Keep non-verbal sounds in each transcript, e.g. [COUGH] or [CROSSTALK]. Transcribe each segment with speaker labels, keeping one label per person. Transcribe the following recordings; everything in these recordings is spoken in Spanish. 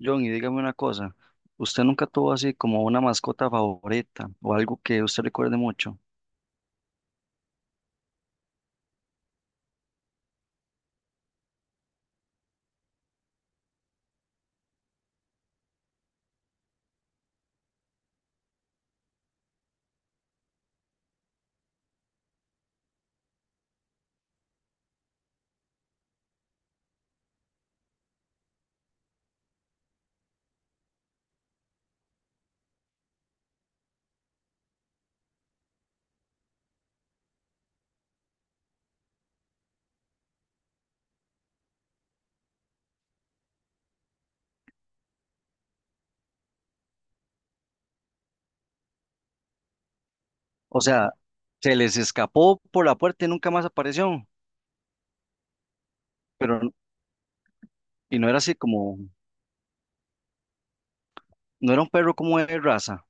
Speaker 1: John, y dígame una cosa, ¿usted nunca tuvo así como una mascota favorita o algo que usted recuerde mucho? O sea, se les escapó por la puerta y nunca más apareció, pero n- y no era así como, no era un perro como de raza.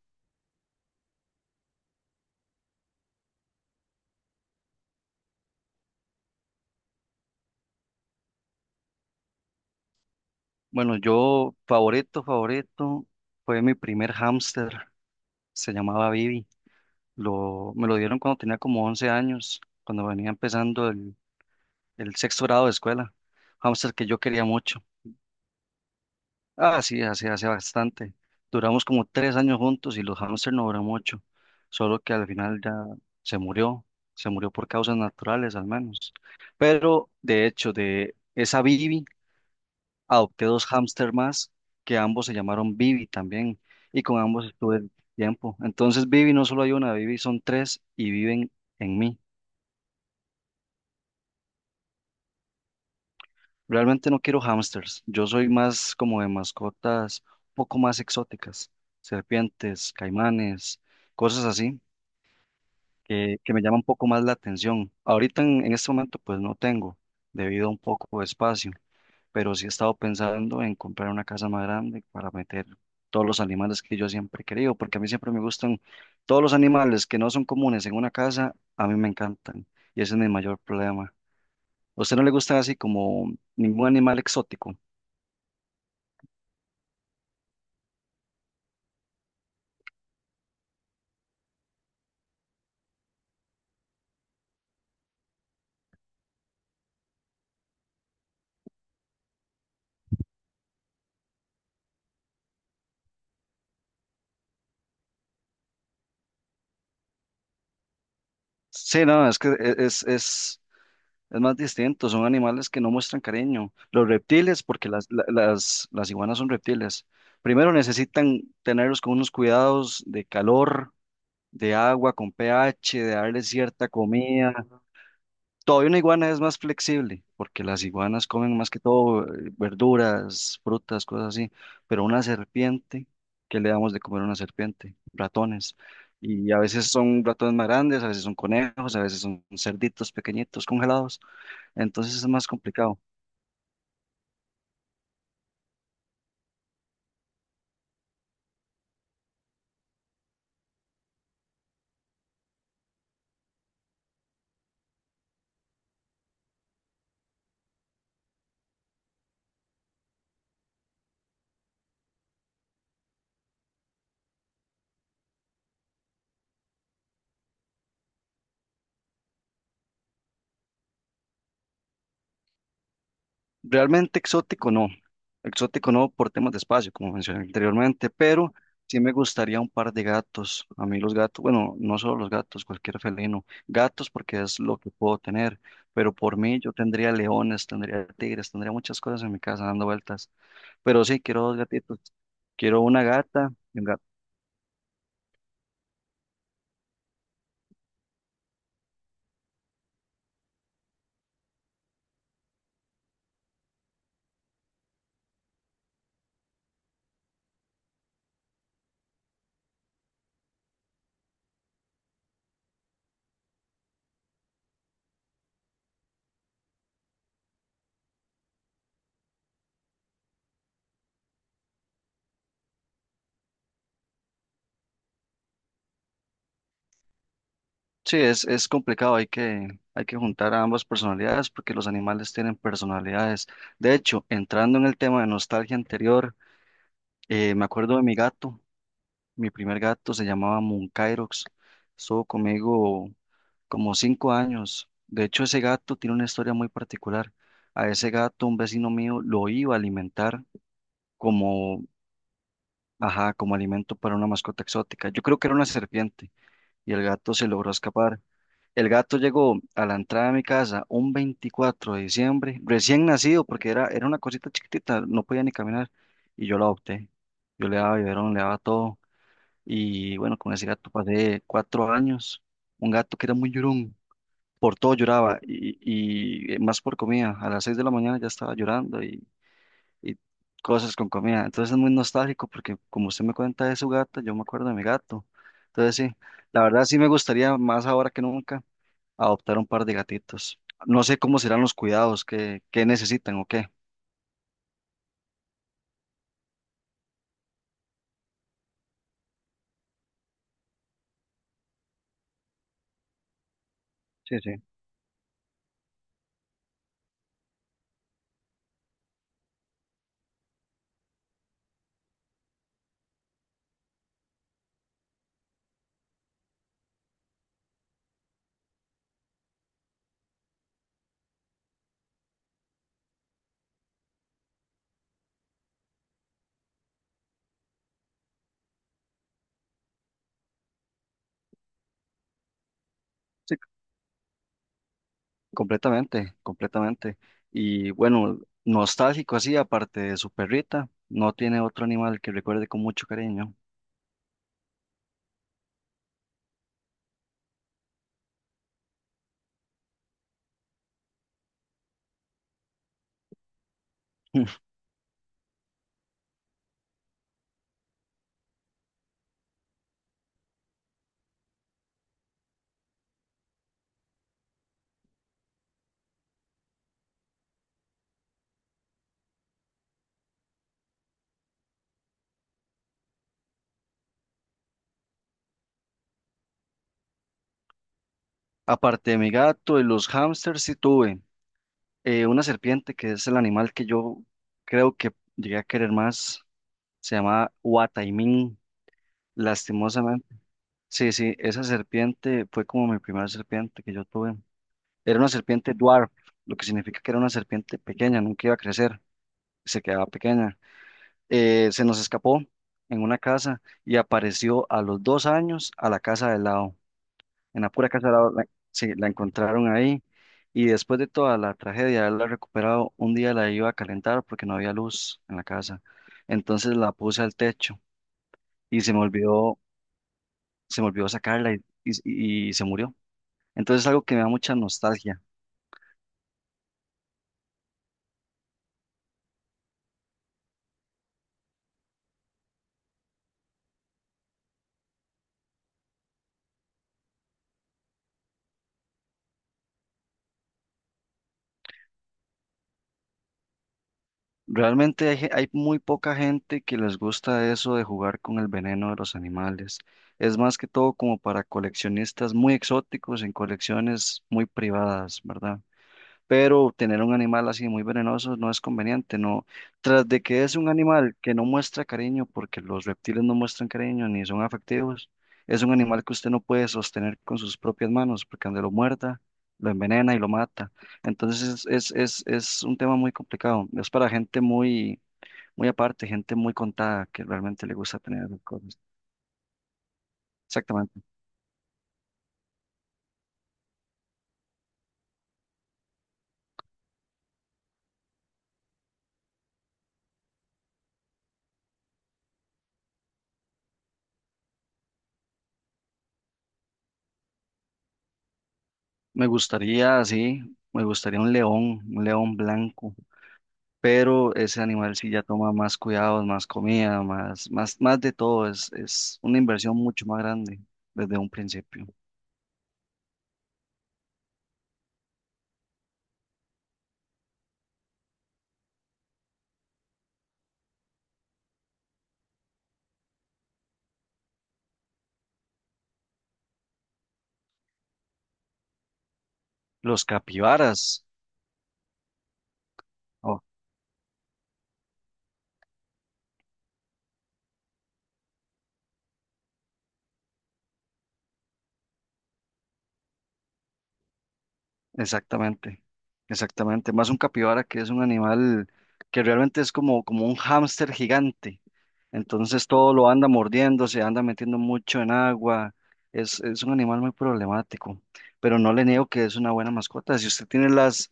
Speaker 1: Bueno, yo favorito, favorito fue mi primer hámster, se llamaba Bibi. Me lo dieron cuando tenía como 11 años, cuando venía empezando el sexto grado de escuela. Hámster que yo quería mucho. Ah, sí, hace bastante. Duramos como 3 años juntos y los hamsters no duran mucho, solo que al final ya se murió, se murió por causas naturales al menos. Pero de hecho, de esa Bibi, adopté dos hamsters más, que ambos se llamaron Bibi también, y con ambos estuve tiempo. Entonces Bibi no solo hay una, Bibi son tres y viven en mí. Realmente no quiero hámsters. Yo soy más como de mascotas un poco más exóticas, serpientes, caimanes, cosas así que me llaman un poco más la atención. Ahorita en este momento pues no tengo debido a un poco de espacio, pero sí he estado pensando en comprar una casa más grande para meter todos los animales que yo siempre he querido, porque a mí siempre me gustan todos los animales que no son comunes en una casa, a mí me encantan y ese es mi mayor problema. ¿A usted no le gusta así como ningún animal exótico? Sí, no, es que es más distinto, son animales que no muestran cariño. Los reptiles, porque las iguanas son reptiles, primero necesitan tenerlos con unos cuidados de calor, de agua, con pH, de darles cierta comida. Todavía una iguana es más flexible, porque las iguanas comen más que todo verduras, frutas, cosas así, pero una serpiente, ¿qué le damos de comer a una serpiente? Ratones. Y a veces son ratones más grandes, a veces son conejos, a veces son cerditos pequeñitos congelados, entonces es más complicado. Realmente exótico no por temas de espacio, como mencioné anteriormente, pero sí me gustaría un par de gatos. A mí los gatos, bueno, no solo los gatos, cualquier felino, gatos porque es lo que puedo tener, pero por mí yo tendría leones, tendría tigres, tendría muchas cosas en mi casa dando vueltas, pero sí, quiero dos gatitos, quiero una gata y un gato. Sí, es complicado, hay que juntar a ambas personalidades porque los animales tienen personalidades. De hecho, entrando en el tema de nostalgia anterior, me acuerdo de mi gato, mi primer gato se llamaba Munkairox, estuvo conmigo como 5 años. De hecho, ese gato tiene una historia muy particular. A ese gato, un vecino mío lo iba a alimentar como, ajá, como alimento para una mascota exótica. Yo creo que era una serpiente y el gato se logró escapar. El gato llegó a la entrada de mi casa un 24 de diciembre, recién nacido, porque era una cosita chiquitita, no podía ni caminar, y yo lo adopté. Yo le daba biberón, le daba todo. Y bueno, con ese gato pasé 4 años. Un gato que era muy llorón, por todo lloraba más por comida. A las 6 de la mañana ya estaba llorando y cosas con comida. Entonces es muy nostálgico porque como usted me cuenta de su gato, yo me acuerdo de mi gato. Entonces sí, la verdad sí me gustaría más ahora que nunca adoptar un par de gatitos. No sé cómo serán los cuidados, que qué necesitan o qué. Sí, sí. Completamente, completamente. Y bueno, nostálgico así, aparte de su perrita, no tiene otro animal que recuerde con mucho cariño. [LAUGHS] Aparte de mi gato y los hámsters, sí tuve una serpiente que es el animal que yo creo que llegué a querer más. Se llamaba Huataimín, lastimosamente. Sí, sí, esa serpiente fue como mi primera serpiente que yo tuve. Era una serpiente dwarf, lo que significa que era una serpiente pequeña, nunca iba a crecer, se quedaba pequeña. Se nos escapó en una casa y apareció a los 2 años a la casa del lado, en la pura casa del lado, la, sí, la encontraron ahí y después de toda la tragedia de haberla recuperado, un día la iba a calentar porque no había luz en la casa, entonces la puse al techo y se me olvidó, se me olvidó sacarla y se murió. Entonces es algo que me da mucha nostalgia. Realmente hay muy poca gente que les gusta eso de jugar con el veneno de los animales. Es más que todo como para coleccionistas muy exóticos en colecciones muy privadas, ¿verdad? Pero tener un animal así muy venenoso no es conveniente, no. Tras de que es un animal que no muestra cariño, porque los reptiles no muestran cariño ni son afectivos, es un animal que usted no puede sostener con sus propias manos, porque donde lo muerda, lo envenena y lo mata. Entonces es un tema muy complicado, es para gente muy, muy aparte, gente muy contada que realmente le gusta tener esas cosas. Exactamente. Me gustaría, sí, me gustaría un león blanco, pero ese animal sí ya toma más cuidados, más comida, más, más, más de todo, es una inversión mucho más grande desde un principio. Los capibaras, oh, exactamente, exactamente, más un capibara que es un animal que realmente es como, como un hámster gigante, entonces todo lo anda mordiendo, se anda metiendo mucho en agua, es un animal muy problemático, pero no le niego que es una buena mascota, si usted tiene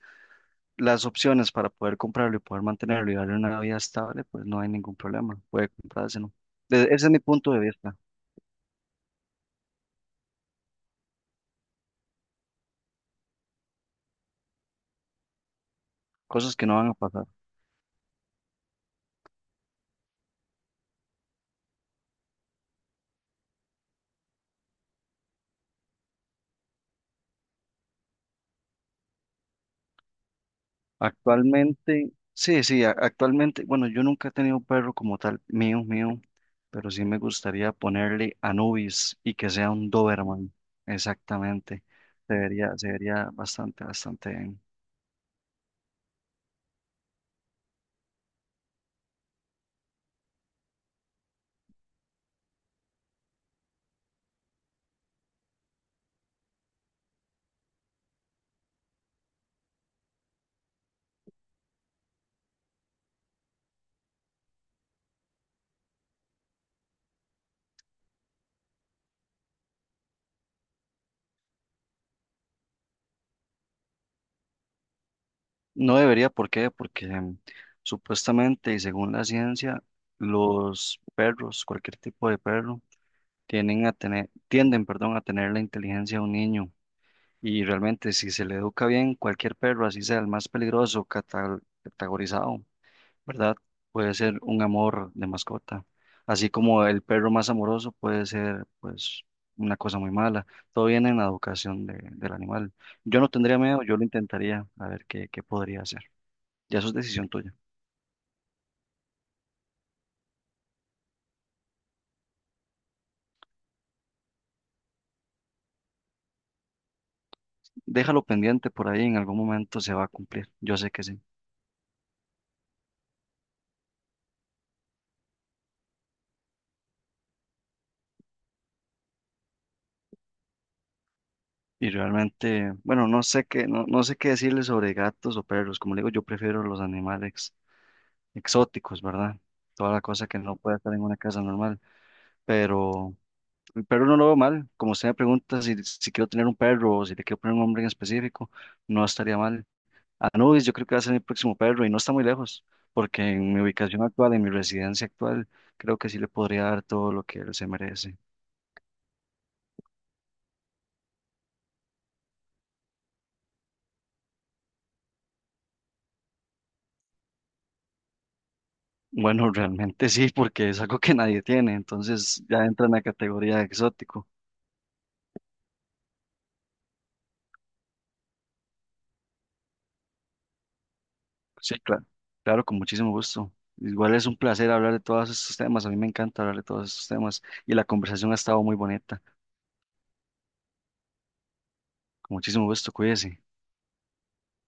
Speaker 1: las opciones para poder comprarlo y poder mantenerlo y darle una vida estable, pues no hay ningún problema, puede comprárselo. Ese es mi punto de vista, cosas que no van a pasar. Actualmente, sí, sí, actualmente, bueno, yo nunca he tenido un perro como tal, mío, mío, pero sí me gustaría ponerle Anubis y que sea un Doberman, exactamente. Se vería bastante, bastante bien. No debería, ¿por qué? Porque supuestamente y según la ciencia, los perros, cualquier tipo de perro, tienden, perdón, a tener la inteligencia de un niño. Y realmente, si se le educa bien, cualquier perro, así sea el más peligroso, categorizado, ¿verdad? Puede ser un amor de mascota. Así como el perro más amoroso puede ser, pues, una cosa muy mala. Todo viene en la educación del animal. Yo no tendría miedo, yo lo intentaría, a ver qué podría hacer. Ya eso es decisión tuya. Déjalo pendiente por ahí, en algún momento se va a cumplir. Yo sé que sí. Y realmente, bueno, no sé qué decirle sobre gatos o perros. Como le digo, yo prefiero los animales exóticos, ¿verdad? Toda la cosa que no puede estar en una casa normal. Pero el perro no lo veo mal. Como usted me pregunta si quiero tener un perro o si le quiero poner un nombre en específico, no estaría mal. Anubis, yo creo que va a ser mi próximo perro y no está muy lejos, porque en mi ubicación actual, en mi residencia actual, creo que sí le podría dar todo lo que él se merece. Bueno, realmente sí, porque es algo que nadie tiene, entonces ya entra en la categoría de exótico. Sí, claro, claro, con muchísimo gusto. Igual es un placer hablar de todos estos temas, a mí me encanta hablar de todos estos temas y la conversación ha estado muy bonita. Con muchísimo gusto, cuídese.